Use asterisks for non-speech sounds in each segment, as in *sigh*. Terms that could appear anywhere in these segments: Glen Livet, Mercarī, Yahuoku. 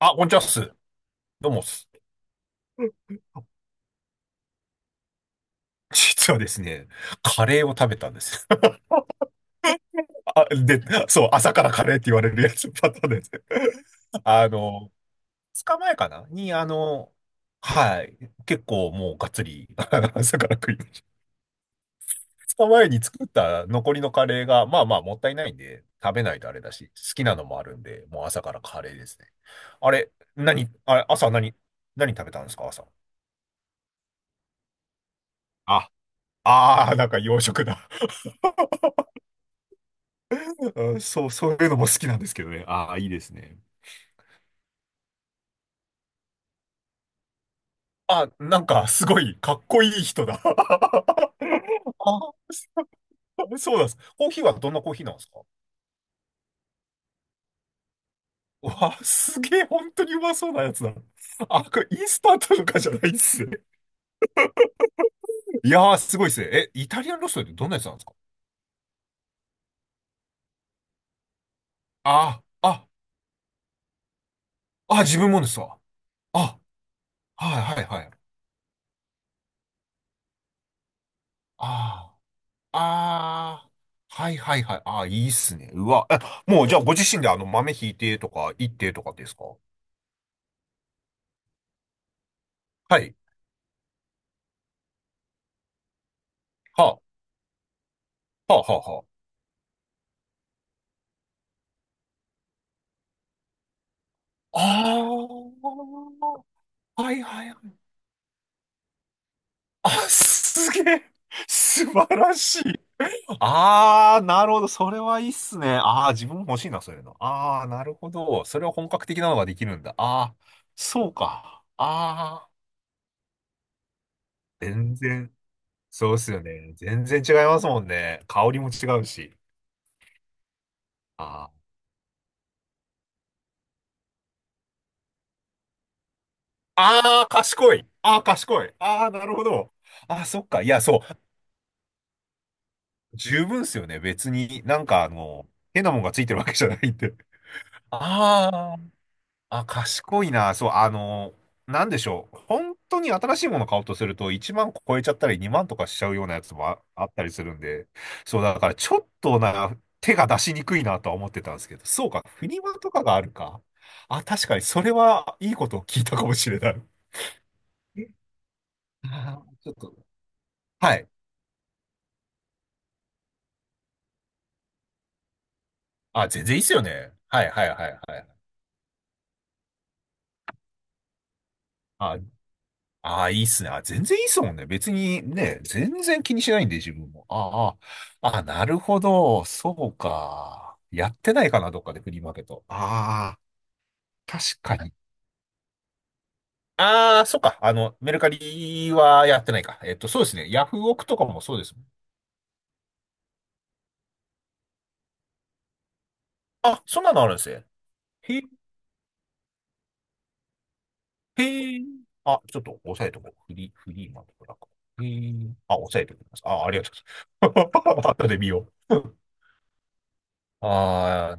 あ、こんにちはっす。どうもっす。*laughs* 実はですね、カレーを食べたんです。*laughs* あ、で、そう、朝からカレーって言われるやつパターンです。*laughs* あの、2日前かなに、はい、結構もうがっつり *laughs* 朝から食いました。2日前に作った残りのカレーが、まあまあもったいないんで、食べないとあれだし、好きなのもあるんで、もう朝からカレーですね。あれ、何、あれ、朝何、何食べたんですか、朝。あ、ああ、なんか洋食だ。うん、そう、そういうのも好きなんですけどね。ああ、いいですね。あ、なんか、すごい、かっこいい人だ。*laughs* あ、そうなんです。コーヒーはどんなコーヒーなんですか？わあ、すげえ、本当にうまそうなやつだ。あ、これインスタントとかじゃないっすね。いやー、すごいっすね。え、イタリアンロストってどんなやつなんですか？あ、あ、あ、自分もですわ。あ、はいはいはい。ああ、ああ、はいはいはい。ああ、いいっすね。うわ、え、もうじゃあご自身で豆ひいてとか、いってとかですか？はい。はあ、はあ、はあ、は、あああ、はいはいはい。あ、すげえ。素晴らしい。ああ、なるほど。それはいいっすね。ああ、自分も欲しいな、そういうの。ああ、なるほど。それは本格的なのができるんだ。ああ、そうか。ああ、全然、そうっすよね。全然違いますもんね。香りも違うし。ああ、ああ、賢い。ああ、賢い。ああ、なるほど。ああ、そっか。いや、そう。十分っすよね。別に変なもんがついてるわけじゃないんで。ああ、あ、賢いな。そう、なんでしょう。本当に新しいもの買おうとすると1万超えちゃったり2万とかしちゃうようなやつもあったりするんで。そう、だからちょっとな、手が出しにくいなとは思ってたんですけど。そうか、フリマとかがあるか。あ、確かにそれはいいことを聞いたかもしれない。*laughs* えあー、ちょっと。はい。あ、全然いいっすよね。はいはいはいはい。あ、ああ、いいっすね。あ、全然いいっすもんね。別にね、全然気にしないんで、自分も。ああ、ああ、なるほど。そうか。やってないかな、どっかでフリーマーケット。ああ、確かに。ああ、そっか。メルカリはやってないか。そうですね。ヤフオクとかもそうですもん。あ、そんなのあるんですね。へ、へえ。あ、ちょっと押さえとこう。フリーマーケットだから。へえ。あ、押さえておきます。あ、ありがとうございます。*laughs* 後で見よう。*laughs* ああ、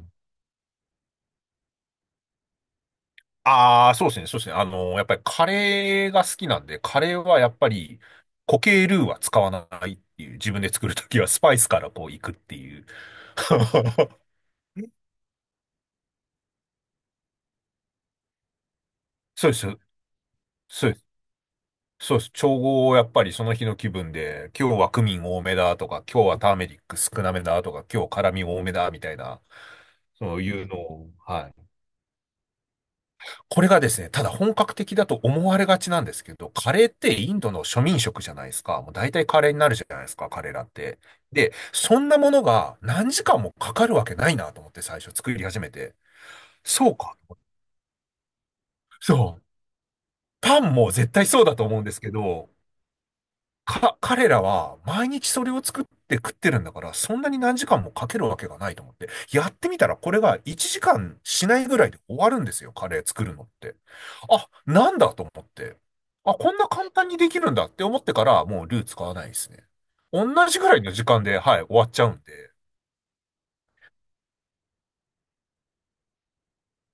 ああ、そうですね、そうですね。やっぱりカレーが好きなんで、カレーはやっぱり固形ルーは使わないっていう、自分で作るときはスパイスからこういくっていう。*laughs* そうです、そうです、そうです。調合をやっぱりその日の気分で、今日はクミン多めだとか、今日はターメリック少なめだとか、今日辛味多めだみたいな、そういうのを、はい。これがですね、ただ本格的だと思われがちなんですけど、カレーってインドの庶民食じゃないですか。もう大体カレーになるじゃないですか、彼らって。で、そんなものが何時間もかかるわけないなと思って最初作り始めて。そうか。そう。パンも絶対そうだと思うんですけど、彼らは毎日それを作って食ってるんだから、そんなに何時間もかけるわけがないと思って、やってみたらこれが1時間しないぐらいで終わるんですよ、カレー作るのって。あ、なんだと思って。あ、こんな簡単にできるんだって思ってから、もうルー使わないですね。同じぐらいの時間で、はい、終わっちゃうんで。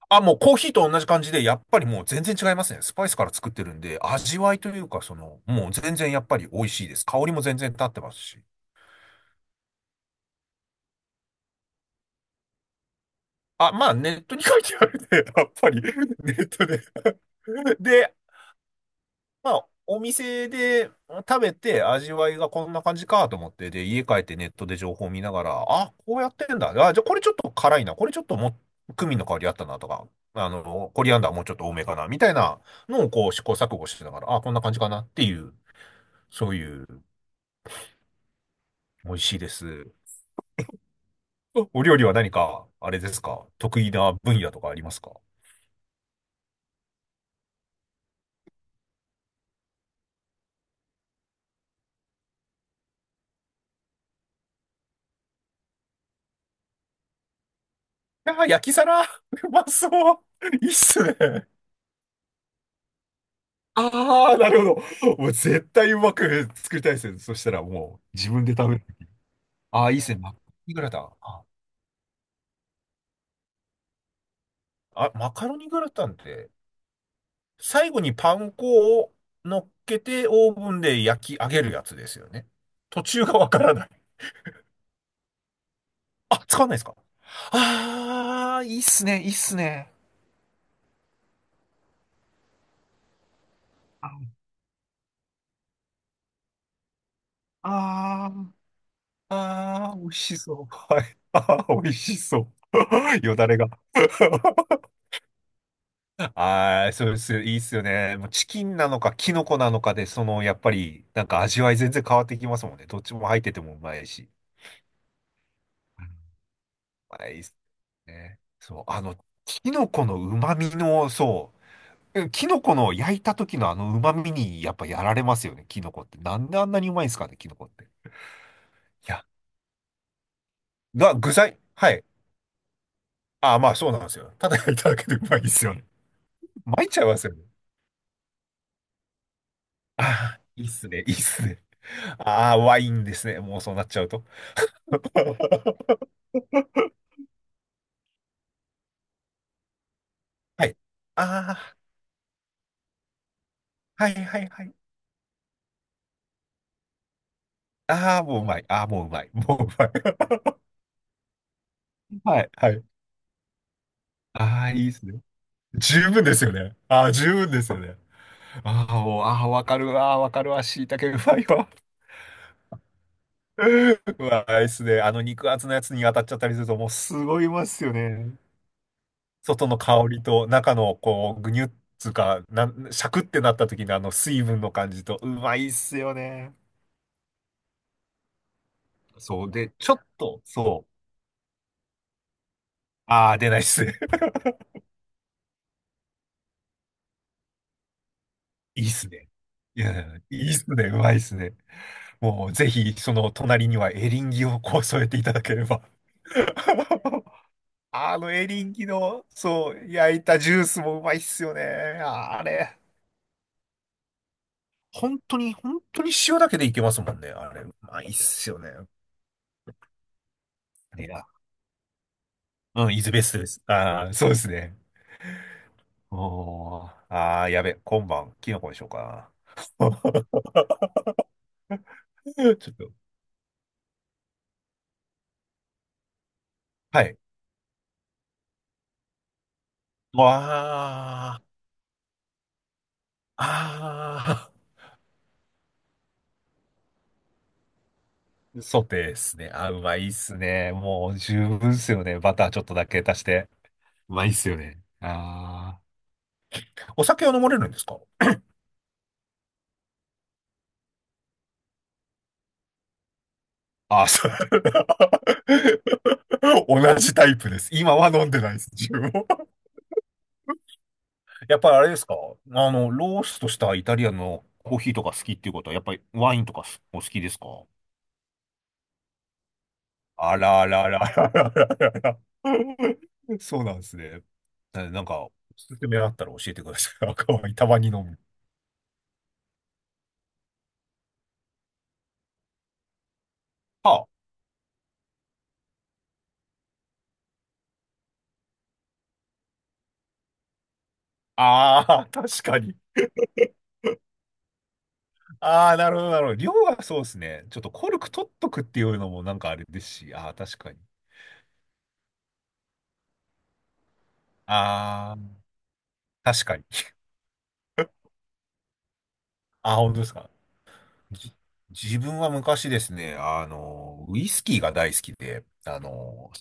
あ、もうコーヒーと同じ感じで、やっぱりもう全然違いますね。スパイスから作ってるんで、味わいというか、その、もう全然やっぱり美味しいです。香りも全然立ってますし。あ、まあ、ネットに書いてあるね。*laughs* やっぱり、ネットで *laughs*。で、まあ、お店で食べて味わいがこんな感じかと思って、で、家帰ってネットで情報を見ながら、あ、こうやってんだ。あ、じゃあこれちょっと辛いな。これちょっとも、クミンの香りあったなとか、コリアンダーもうちょっと多めかな。みたいなのをこう試行錯誤しながら、あ、こんな感じかなっていう、そういう、美味しいです。お、お料理は何か、あれですか、得意な分野とかありますか？ああ、焼き皿 *laughs* うまそう、いいっすね。ああ、なるほど。もう絶対うまく作りたいですね。そしたらもう自分で食べる。ああ、いいっすね。マカロニグラタン。あマカロニグラタンって最後にパン粉を乗っけてオーブンで焼き上げるやつですよね。途中がわからない。あ、使わないですか？ああー、いいっすね。いいっすね。ああー、あー、美味しそう。はい。ああ、美味しそう。*laughs* よだれが。*laughs* *laughs* ああ、そうです。いいっすよね。もうチキンなのか、キノコなのかで、その、やっぱり、なんか味わい全然変わってきますもんね。どっちも入っててもうまいし。うん、まあいいっすね。そう、キノコの旨味の、そう、キノコの焼いた時のあの旨味に、やっぱやられますよね、キノコって。なんであんなにうまいんですかね、キノコって。いや、具材、はい。ああ、まあそうなんですよ。ただ焼いただけでうまいですよね。参っちゃいますよね。ああ、いいっすね、いいっすね。ああ、ワインですね、もうそうなっちゃうと。*laughs* はい。ああ、はいはいはい。ああ、もううまい。ああ、もううまい。もううまい。*laughs* はいはい。ああ、いいですね。十分ですよね。ああ、十分ですよね。ああ、もう、ああ、わかるわ、わかるわ、しいたけうまいわ。*laughs* うわ、あれですね。あの肉厚のやつに当たっちゃったりすると、もうすごいまっすよね。外の香りと中の、こう、ぐにゅっつうか、シャクってなった時のあの水分の感じと、うまいっすよね。そう。で、ちょっと、そう。ああ、出ないっすね。いいっすね。いや、いいっすね。うまいっすね。もう、ぜひ、その隣にはエリンギをこう添えていただければ。*laughs* あのエリンギの、そう、焼いたジュースもうまいっすよね。あれ、本当に、本当に塩だけでいけますもんね。あれ、うまいっすよね。あれが。うん、イズベストです。ああ、そうですね。おー、ああ、やべ、今晩、キノコにしようかな。*laughs* ちょっと、はい。わあ、ああ。ソテーですね。あ、うまいっすね。もう十分っすよね。バターちょっとだけ足して。うまいっすよね。ああ、お酒は飲まれるんですか？あ、そう。*laughs* 同じタイプです。今は飲んでないです、自分も。やっぱりあれですか？あの、ローストしたイタリアンのコーヒーとか好きっていうことは、やっぱりワインとかお好きですか？あらあらあらあらあらあら。*laughs* そうなんですね。なんか、おすすめあったら教えてください。赤ワインたまに飲む。はあああ、*laughs* 確かに。ああ、なるほど、なるほど。量がそうですね。ちょっとコルク取っとくっていうのもなんかあれですし、ああ、確かに。ああ、確かに。*laughs* ああ、本当ですか。じ自分は昔ですね、あの、ウイスキーが大好きで、あの、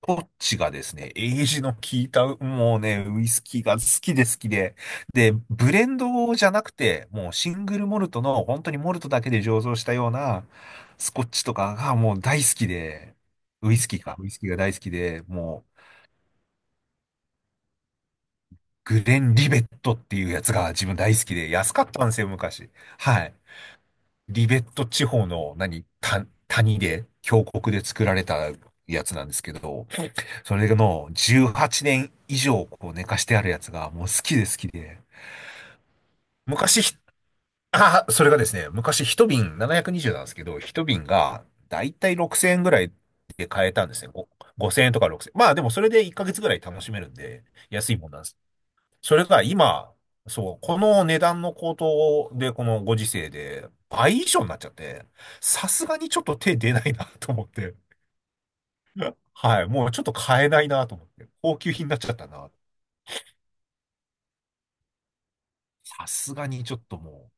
こっちがですね、エイジの効いた、もうね、ウイスキーが好きで好きで、で、ブレンドじゃなくて、もうシングルモルトの、本当にモルトだけで醸造したような、スコッチとかがもう大好きで、ウイスキーが大好きで、もう、グレン・リベットっていうやつが自分大好きで、安かったんですよ、昔。はい。リベット地方の、谷で、峡谷で作られたやつなんですけど、それの18年以上こう寝かしてあるやつがもう好きで好きで。昔ひ、あ、それがですね、昔一瓶720なひゃくにじゅうなんですけど、一瓶がだいたい6000円ぐらいで買えたんですね。5000円とか6000円。まあでもそれで1ヶ月ぐらい楽しめるんで、安いもんなんです。それが今、そう、この値段の高騰で、このご時世で倍以上になっちゃって、さすがにちょっと手出ないなと思って。*laughs* はい、もうちょっと買えないなと思って。高級品になっちゃったな。さすがにちょっともう。っ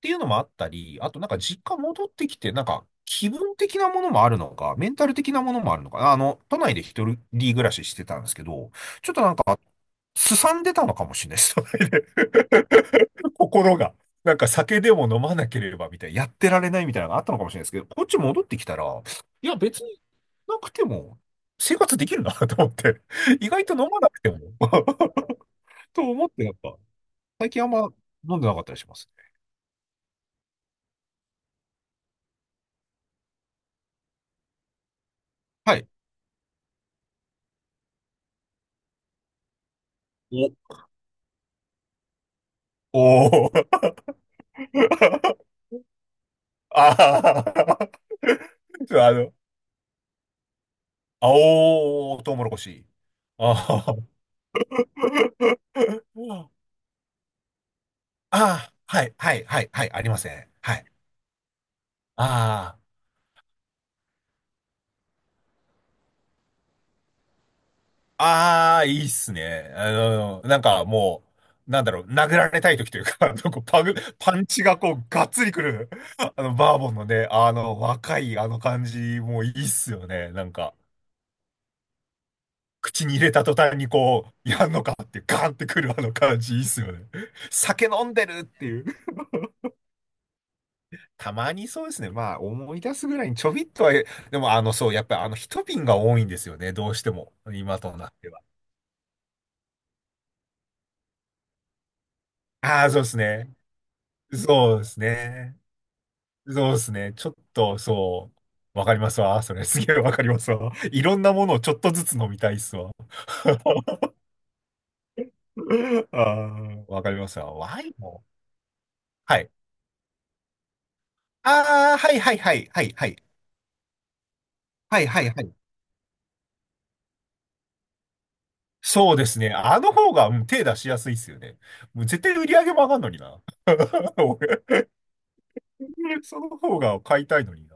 ていうのもあったり、あとなんか実家戻ってきて、なんか気分的なものもあるのか、メンタル的なものもあるのか、あの、都内で一人暮らししてたんですけど、ちょっとなんか、すさんでたのかもしれないです、都内で *laughs* 心が。なんか酒でも飲まなければみたいな、やってられないみたいなのがあったのかもしれないですけど、こっち戻ってきたら、いや別になくても生活できるなと思って、意外と飲まなくても *laughs* と思ってやっぱ、最近あんま飲んでなかったりします。はい。お、おー。*laughs* ああ。あの、青トウモロコシ。ああ。ああ、はい、はい、はい、はい、ありません。はい。ああ、ああ、いいっすね。あの、なんかもう、なんだろう、殴られたい時というか、*laughs* パンチがこう、がっつりくる、あの、バーボンのね、あの、若いあの感じ、もういいっすよね、なんか。口に入れた途端にこう、やんのかってガーンってくるあの感じいいっすよね。酒飲んでるっていう。たまにそうですね。まあ思い出すぐらいにちょびっとは、でもあのそう、やっぱりあの一瓶が多いんですよね。どうしても。今となっては。ああ、そうですね。そうですね。そうですね。ちょっとそう、わかりますわ。それすげえわかりますわ。いろんなものをちょっとずつ飲みたいっすわ。*laughs* ああ、わかりますわ。ワインも。はい。ああ、はいはいはいはいはい。はいはいはい。そうですね。あの方が、うん、手出しやすいですよね。もう絶対売り上げも上がんのにな。*laughs* 俺その方が買いたいのにな。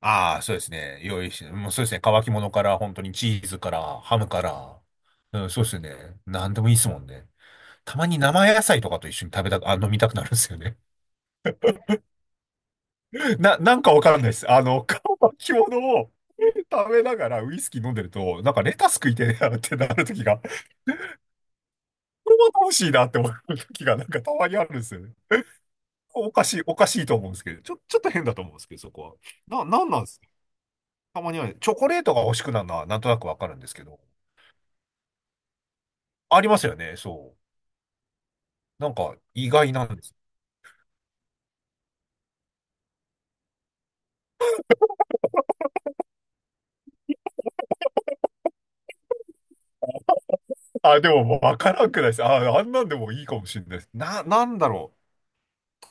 ああ、そうですね。用意して、もうそうですね。乾き物から、本当にチーズから、ハムから。うん、そうですよね。なんでもいいですもんね。たまに生野菜とかと一緒に食べたく、あ、飲みたくなるんですよね。*laughs* なんかわからないです。あの、乾き物を食べながらウイスキー飲んでると、なんかレタス食いてえなってなる時がこれは楽しいなって思う時がなんかたまにあるんですよね。おかしい、おかしいと思うんですけど、ちょっと変だと思うんですけど、そこは。なんなんですか？たまにはね、チョコレートが欲しくなるのはなんとなくわかるんですけど、ありますよね、そう。なんか意外なんです。あ、でもわからんくないです。あ、あんなんでもいいかもしれないです。なんだろう。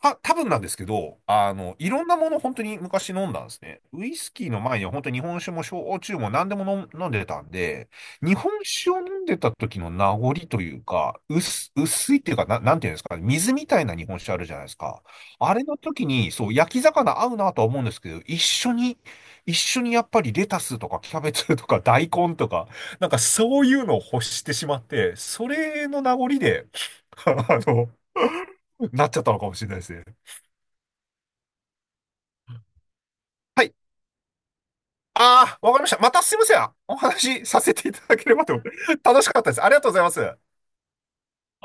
多分なんですけど、あの、いろんなもの本当に昔飲んだんですね。ウイスキーの前には本当に日本酒も焼酎も何でも飲んでたんで、日本酒を飲んでた時の名残というか、薄いっていうか、なんていうんですかね、水みたいな日本酒あるじゃないですか。あれの時に、そう、焼き魚合うなとは思うんですけど、一緒に、やっぱりレタスとかキャベツとか大根とか、なんかそういうのを欲してしまって、それの名残で、*laughs* あの、なっちゃったのかもしれないですね。はい、ああ、わかりました。またすいません。お話しさせていただければと。*laughs* 楽しかったです。ありがとうございます。